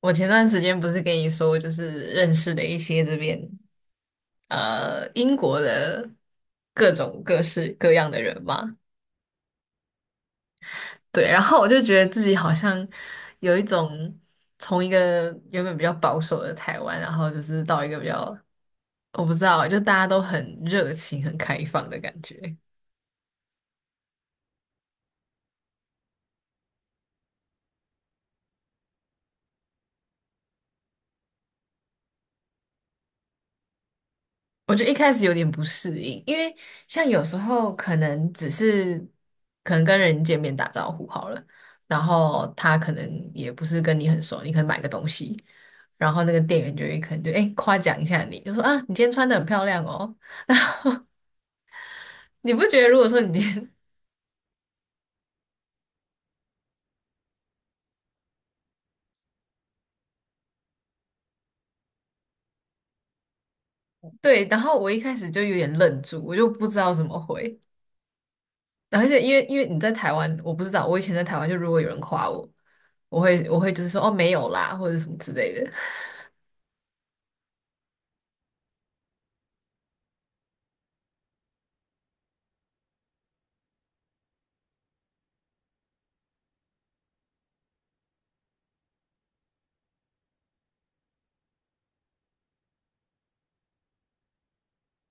我前段时间不是跟你说，就是认识了一些这边英国的各种各式各样的人嘛。对，然后我就觉得自己好像有一种从一个原本比较保守的台湾，然后就是到一个比较，我不知道啊，就大家都很热情、很开放的感觉。我觉得一开始有点不适应，因为像有时候可能只是可能跟人见面打招呼好了，然后他可能也不是跟你很熟，你可能买个东西，然后那个店员就会可能就哎夸奖一下你，就说啊你今天穿的很漂亮哦。你不觉得如果说你今天 对，然后我一开始就有点愣住，我就不知道怎么回，而且因为你在台湾，我不知道，我以前在台湾就如果有人夸我，我会就是说哦没有啦或者什么之类的。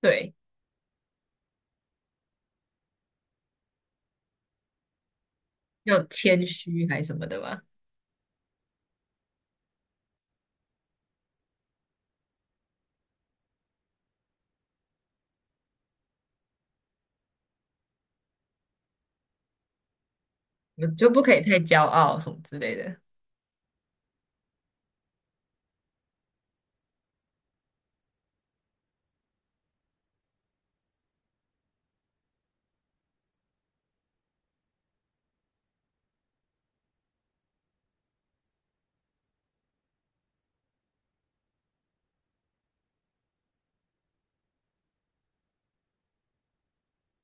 对。要谦虚还是什么的吧，我就不可以太骄傲什么之类的。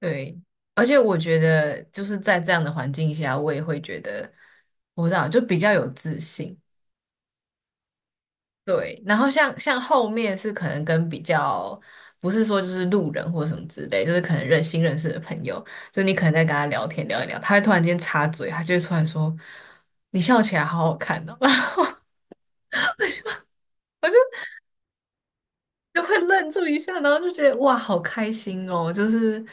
对，而且我觉得就是在这样的环境下，我也会觉得，我不知道，就比较有自信。对，然后像后面是可能跟比较，不是说就是路人或什么之类，就是可能认新认识的朋友，就你可能在跟他聊天聊一聊，他会突然间插嘴，他就会突然说：“你笑起来好好看哦。” 就会愣住一下，然后就觉得哇，好开心哦！就是，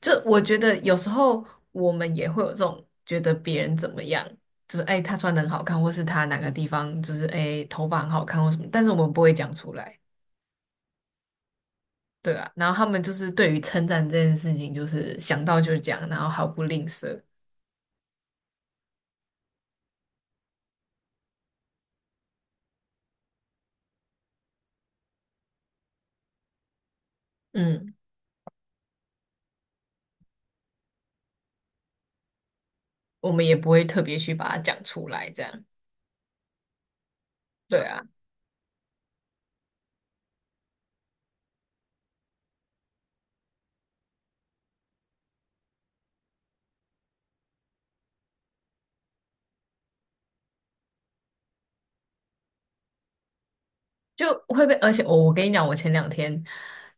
就我觉得有时候我们也会有这种觉得别人怎么样，就是哎，他穿的很好看，或是他哪个地方就是哎头发很好看或什么，但是我们不会讲出来。对啊。然后他们就是对于称赞这件事情，就是想到就讲，然后毫不吝啬。嗯，我们也不会特别去把它讲出来，这样。对啊。就会被，而且我跟你讲，我前两天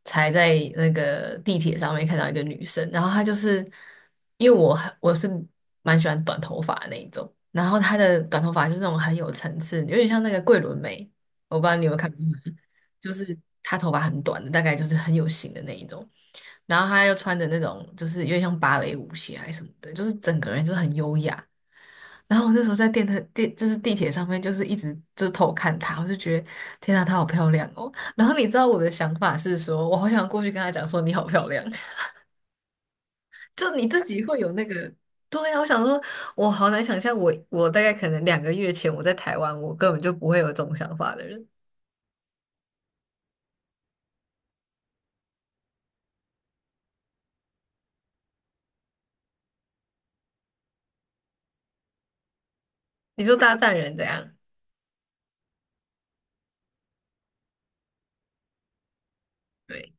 才在那个地铁上面看到一个女生，然后她就是因为我是蛮喜欢短头发的那一种，然后她的短头发就是那种很有层次，有点像那个桂纶镁，我不知道你有没有看过，就是她头发很短的，大概就是很有型的那一种，然后她又穿着那种就是有点像芭蕾舞鞋还是什么的，就是整个人就是很优雅，然后我那时候在电台地就是地铁上面，就是一直就是偷看她，我就觉得天啊，她好漂亮哦。然后你知道我的想法是说，我好想过去跟她讲说你好漂亮。就你自己会有那个。对啊，我想说，我好难想象我，我大概可能两个月前我在台湾，我根本就不会有这种想法的人。你说大赞人怎样？对，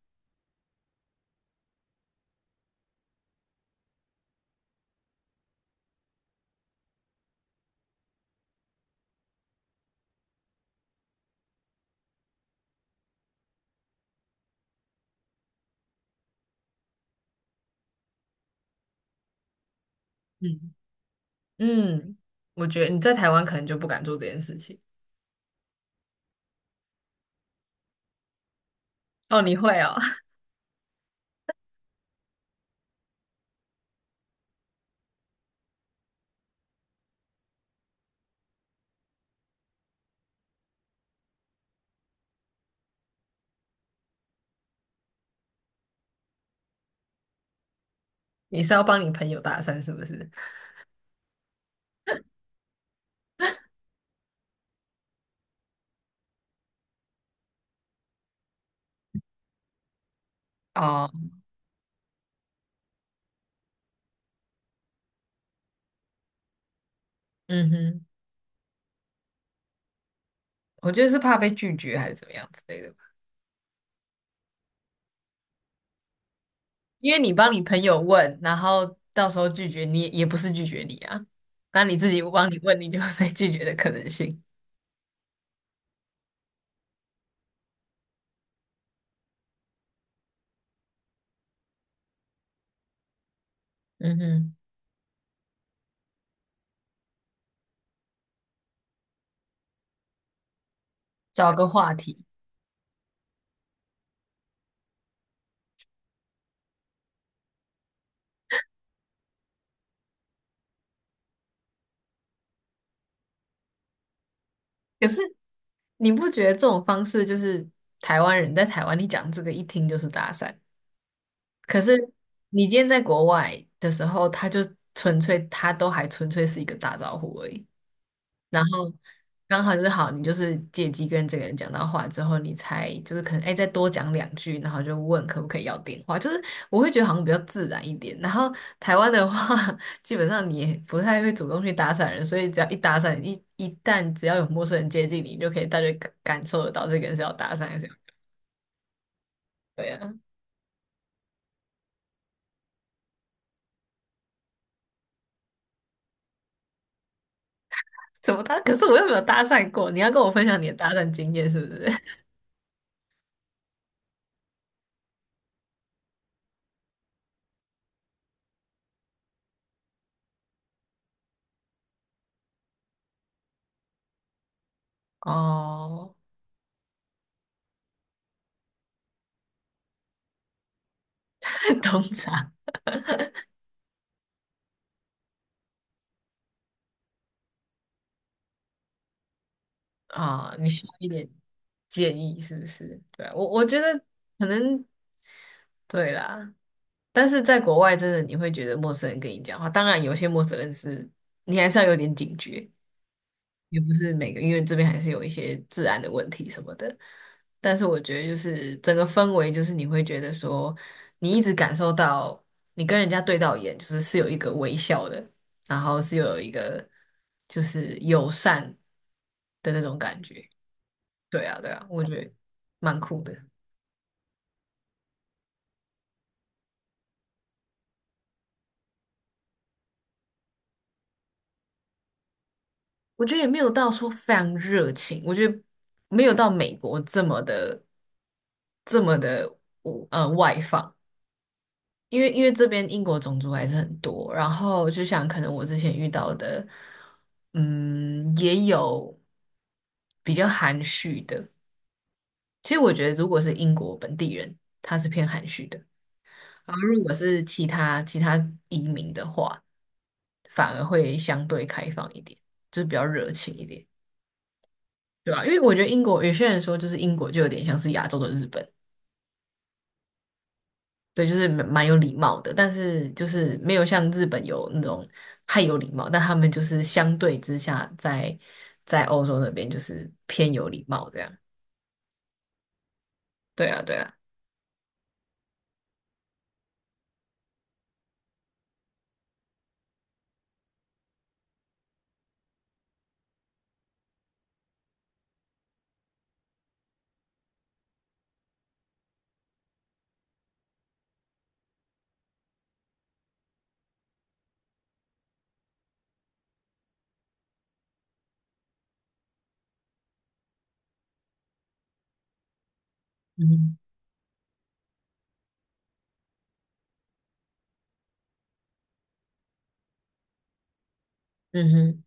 嗯嗯，我觉得你在台湾可能就不敢做这件事情。哦，你会哦。你是要帮你朋友搭讪是不是？哦，嗯哼。我觉得是怕被拒绝还是怎么样之类的吧。因为你帮你朋友问，然后到时候拒绝你也不是拒绝你啊，那你自己帮你问，你就会被拒绝的可能性。嗯哼，找个话题。可是你不觉得这种方式就是台湾人在台湾，你讲这个一听就是搭讪。可是你今天在国外的时候，他就纯粹他都还纯粹是一个打招呼而已。然后刚好就是好，你就是借机跟这个人讲到话之后，你才就是可能哎再多讲两句，然后就问可不可以要电话，就是我会觉得好像比较自然一点。然后台湾的话，基本上你也不太会主动去搭讪人，所以只要一搭讪，一旦只要有陌生人接近你，你就可以大概感受得到这个人是要搭讪还是 要对啊，怎么搭？可是我又没有搭讪过，你要跟我分享你的搭讪经验是不是？哦，通常。啊，你需要一点建议是不是？对啊我觉得可能对啦，但是在国外真的你会觉得陌生人跟你讲话，当然有些陌生人是你还是要有点警觉，也不是每个，因为这边还是有一些治安的问题什么的。但是我觉得就是整个氛围，就是你会觉得说，你一直感受到你跟人家对到眼，就是是有一个微笑的，然后是有一个就是友善的那种感觉。对啊，对啊，我觉得蛮酷的。我觉得也没有到说非常热情，我觉得没有到美国这么的外放，因为这边英国种族还是很多，然后就像可能我之前遇到的，嗯，也有比较含蓄的。其实我觉得如果是英国本地人，他是偏含蓄的。然后如果是其他移民的话，反而会相对开放一点，就是比较热情一点，对吧？因为我觉得英国有些人说，就是英国就有点像是亚洲的日本，对，就是蛮有礼貌的，但是就是没有像日本有那种太有礼貌，但他们就是相对之下在欧洲那边就是偏有礼貌这样。对啊，对啊，嗯哼，嗯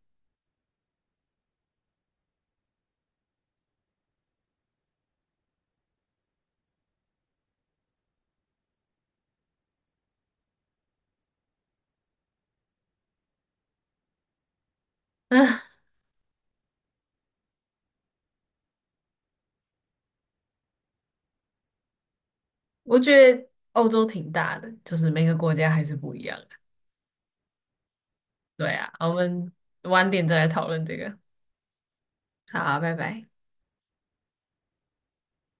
哼，啊，我觉得欧洲挺大的，就是每个国家还是不一样。对啊，我们晚点再来讨论这个。好，拜拜。